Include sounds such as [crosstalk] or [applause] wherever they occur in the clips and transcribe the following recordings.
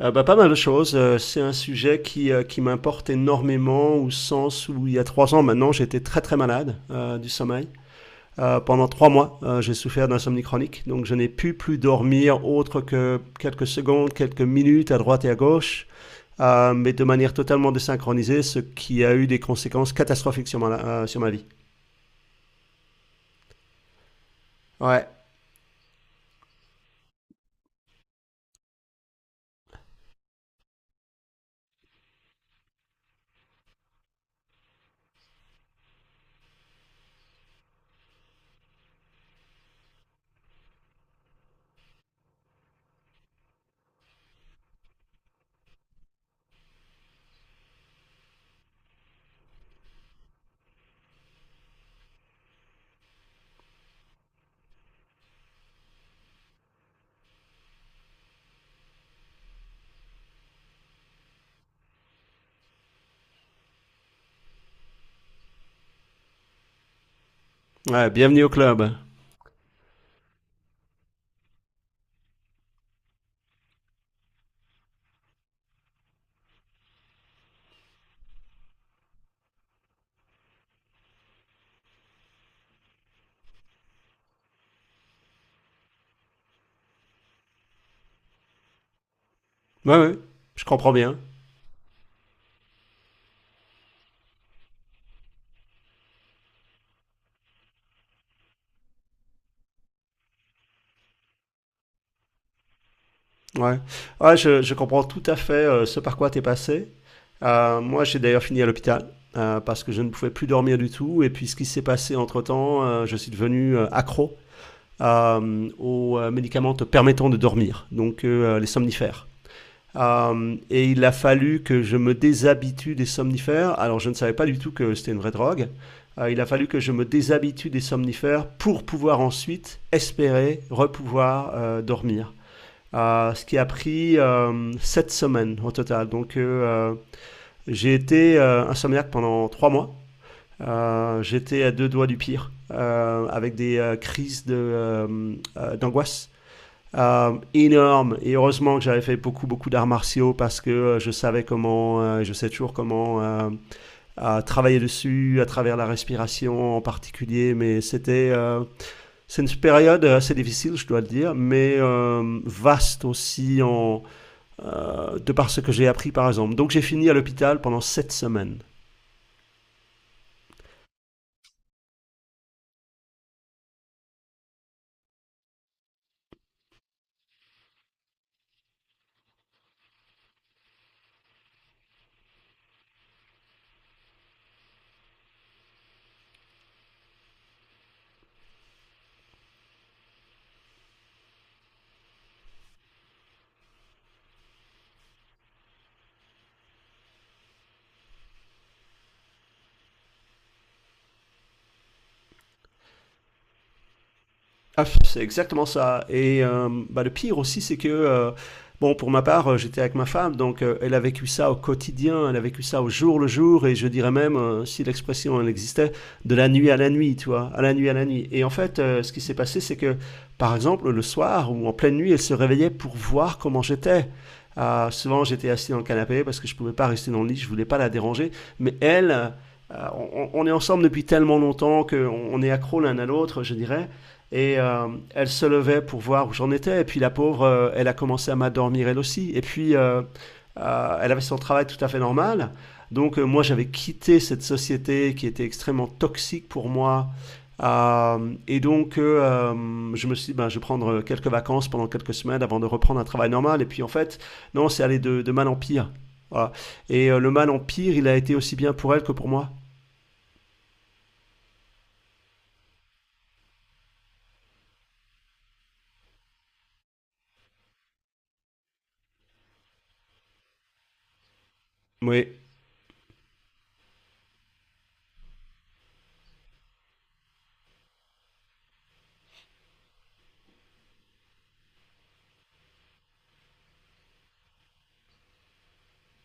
Bah, pas mal de choses. C'est un sujet qui m'importe énormément au sens où il y a trois ans maintenant, j'étais très très malade du sommeil. Pendant trois mois, j'ai souffert d'insomnie chronique, donc je n'ai pu plus dormir autre que quelques secondes, quelques minutes à droite et à gauche, mais de manière totalement désynchronisée, ce qui a eu des conséquences catastrophiques sur sur ma vie. Ouais, ouais, bienvenue au club. Ouais, ouais, je comprends bien. Ouais, ouais, je comprends tout à fait, ce par quoi tu es passé. Moi, j'ai d'ailleurs fini à l'hôpital, parce que je ne pouvais plus dormir du tout. Et puis, ce qui s'est passé entre-temps, je suis devenu accro aux médicaments te permettant de dormir, donc, les somnifères. Et il a fallu que je me déshabitue des somnifères. Alors, je ne savais pas du tout que c'était une vraie drogue. Il a fallu que je me déshabitue des somnifères pour pouvoir ensuite espérer repouvoir dormir, ce qui a pris 7 semaines au total. Donc, j'ai été insomniaque pendant 3 mois. J'étais à deux doigts du pire, avec des crises d'angoisse, énormes. Et heureusement que j'avais fait beaucoup, beaucoup d'arts martiaux parce que je savais je sais toujours comment, travailler dessus, à travers la respiration en particulier. Mais c'est une période assez difficile, je dois le dire, mais vaste aussi de par ce que j'ai appris par exemple. Donc j'ai fini à l'hôpital pendant sept semaines. Ah, c'est exactement ça. Et, bah, le pire aussi, c'est que, bon, pour ma part, j'étais avec ma femme, donc, elle a vécu ça au quotidien, elle a vécu ça au jour le jour, et je dirais même, si l'expression elle existait, de la nuit à la nuit, tu vois, à la nuit à la nuit. Et en fait, ce qui s'est passé, c'est que, par exemple, le soir ou en pleine nuit, elle se réveillait pour voir comment j'étais. Souvent, j'étais assis dans le canapé parce que je pouvais pas rester dans le lit, je voulais pas la déranger, mais elle, euh, on est ensemble depuis tellement longtemps qu'on on est accro l'un à l'autre, je dirais. Et, elle se levait pour voir où j'en étais. Et puis la pauvre, elle a commencé à m'endormir elle aussi. Et puis, elle avait son travail tout à fait normal. Donc, moi j'avais quitté cette société qui était extrêmement toxique pour moi. Et donc, je me suis dit, ben, je vais prendre quelques vacances pendant quelques semaines avant de reprendre un travail normal. Et puis en fait, non, c'est allé de mal en pire. Voilà. Et, le mal en pire, il a été aussi bien pour elle que pour moi. Oui.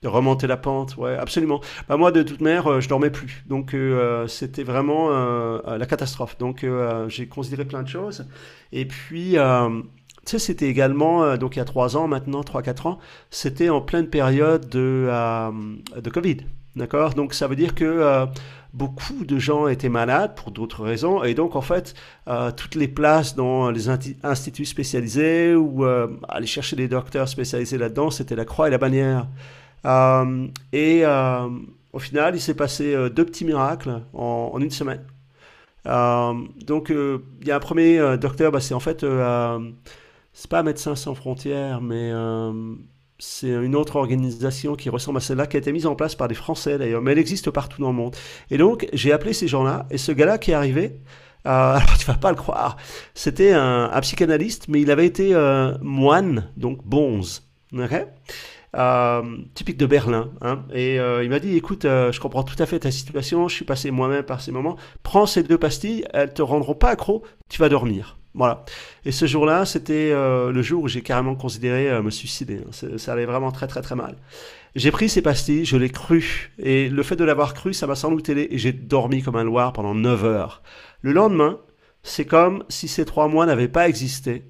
De remonter la pente, ouais, absolument. Bah moi, de toute manière, je dormais plus, donc, c'était vraiment, la catastrophe. Donc, j'ai considéré plein de choses. Et puis, tu sais, c'était également, donc il y a trois ans maintenant, trois, quatre ans, c'était en pleine période de Covid, d'accord? Donc ça veut dire que, beaucoup de gens étaient malades pour d'autres raisons, et donc en fait, toutes les places dans les instituts spécialisés ou, aller chercher des docteurs spécialisés là-dedans, c'était la croix et la bannière. Et, au final, il s'est passé deux petits miracles en une semaine. Euh, donc, il y a un premier docteur, bah, c'est en fait, c'est pas Médecins sans frontières, mais, c'est une autre organisation qui ressemble à celle-là, qui a été mise en place par des Français d'ailleurs, mais elle existe partout dans le monde. Et donc, j'ai appelé ces gens-là, et ce gars-là qui est arrivé, [laughs] alors tu vas pas le croire, c'était un psychanalyste, mais il avait été, moine, donc bonze. Ok. euh, Typique de Berlin, hein. Et, il m'a dit, écoute, je comprends tout à fait ta situation, je suis passé moi-même par ces moments, prends ces deux pastilles, elles te rendront pas accro, tu vas dormir. Voilà. Et ce jour-là, c'était, le jour où j'ai carrément considéré, me suicider, hein. Ça allait vraiment très très très mal. J'ai pris ces pastilles, je l'ai cru. Et le fait de l'avoir cru, ça m'a sans doute aidé et j'ai dormi comme un loir pendant 9 heures. Le lendemain, c'est comme si ces trois mois n'avaient pas existé.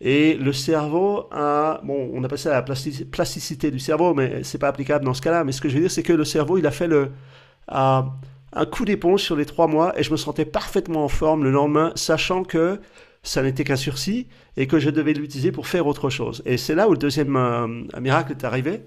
Et le cerveau a, bon, on a passé à la plasticité du cerveau, mais c'est pas applicable dans ce cas-là. Mais ce que je veux dire, c'est que le cerveau, il a fait à un coup d'éponge sur les trois mois et je me sentais parfaitement en forme le lendemain, sachant que ça n'était qu'un sursis et que je devais l'utiliser pour faire autre chose. Et c'est là où le deuxième, miracle est arrivé.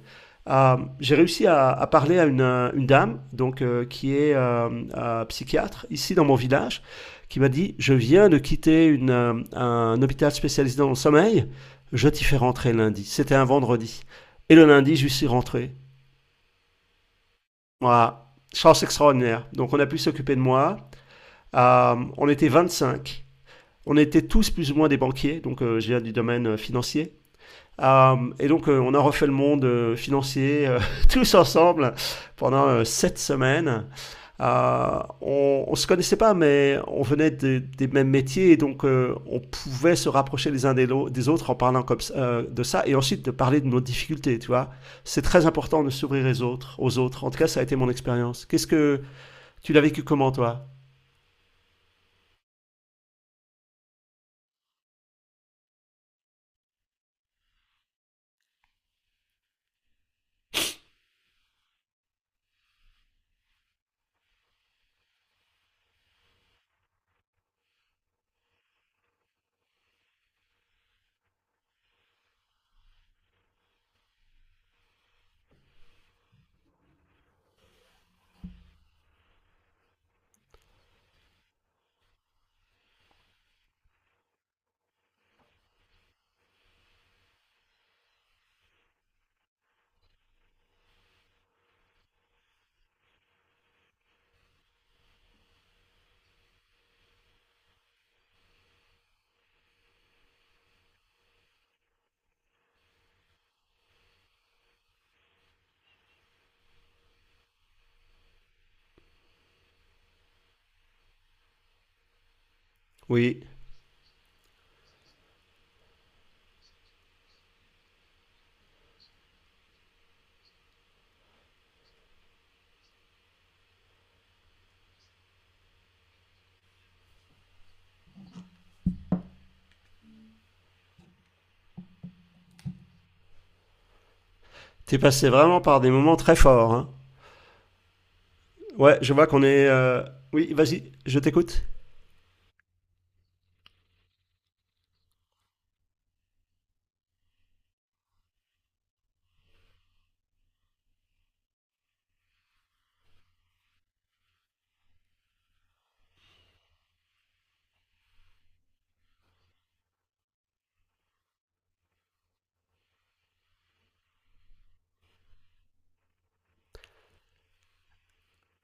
J'ai réussi à parler à une dame donc, qui est, psychiatre ici dans mon village qui m'a dit: je viens de quitter un hôpital spécialisé dans le sommeil, je t'y fais rentrer lundi. C'était un vendredi et le lundi je suis rentré. Voilà. Chance extraordinaire. Donc on a pu s'occuper de moi. On était 25. On était tous plus ou moins des banquiers, donc, je viens du domaine, financier. Et donc, on a refait le monde, financier, [laughs] tous ensemble pendant, sept semaines. On se connaissait pas, mais on venait des mêmes métiers, et donc, on pouvait se rapprocher les uns des autres en parlant comme, de ça, et ensuite de parler de nos difficultés, tu vois. C'est très important de s'ouvrir aux autres, aux autres. En tout cas, ça a été mon expérience. Qu'est-ce que tu l'as vécu comment, toi? Oui. T'es passé vraiment par des moments très forts, hein? Ouais, je vois qu'on est, Oui, vas-y, je t'écoute.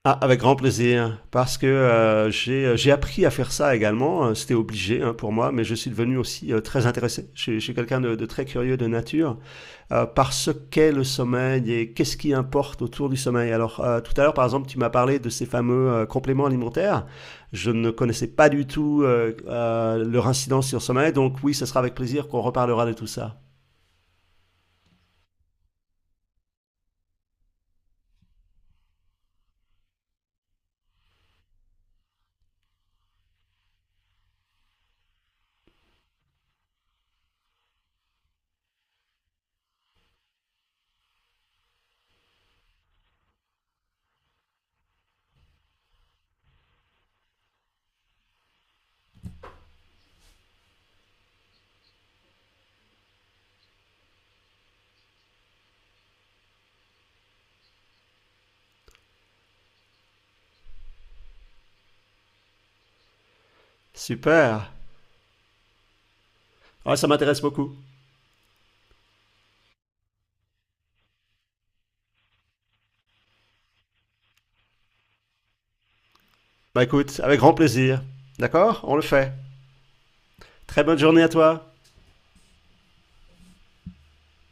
Ah, avec grand plaisir, parce que, j'ai appris à faire ça également. C'était obligé, hein, pour moi, mais je suis devenu aussi, très intéressé. Je suis quelqu'un de très curieux de nature, par ce qu'est le sommeil et qu'est-ce qui importe autour du sommeil. Alors, tout à l'heure, par exemple, tu m'as parlé de ces fameux, compléments alimentaires. Je ne connaissais pas du tout, leur incidence sur le sommeil, donc oui, ce sera avec plaisir qu'on reparlera de tout ça. Super. Ouais, ça m'intéresse beaucoup. Bah écoute, avec grand plaisir. D'accord. On le fait. Très bonne journée à toi.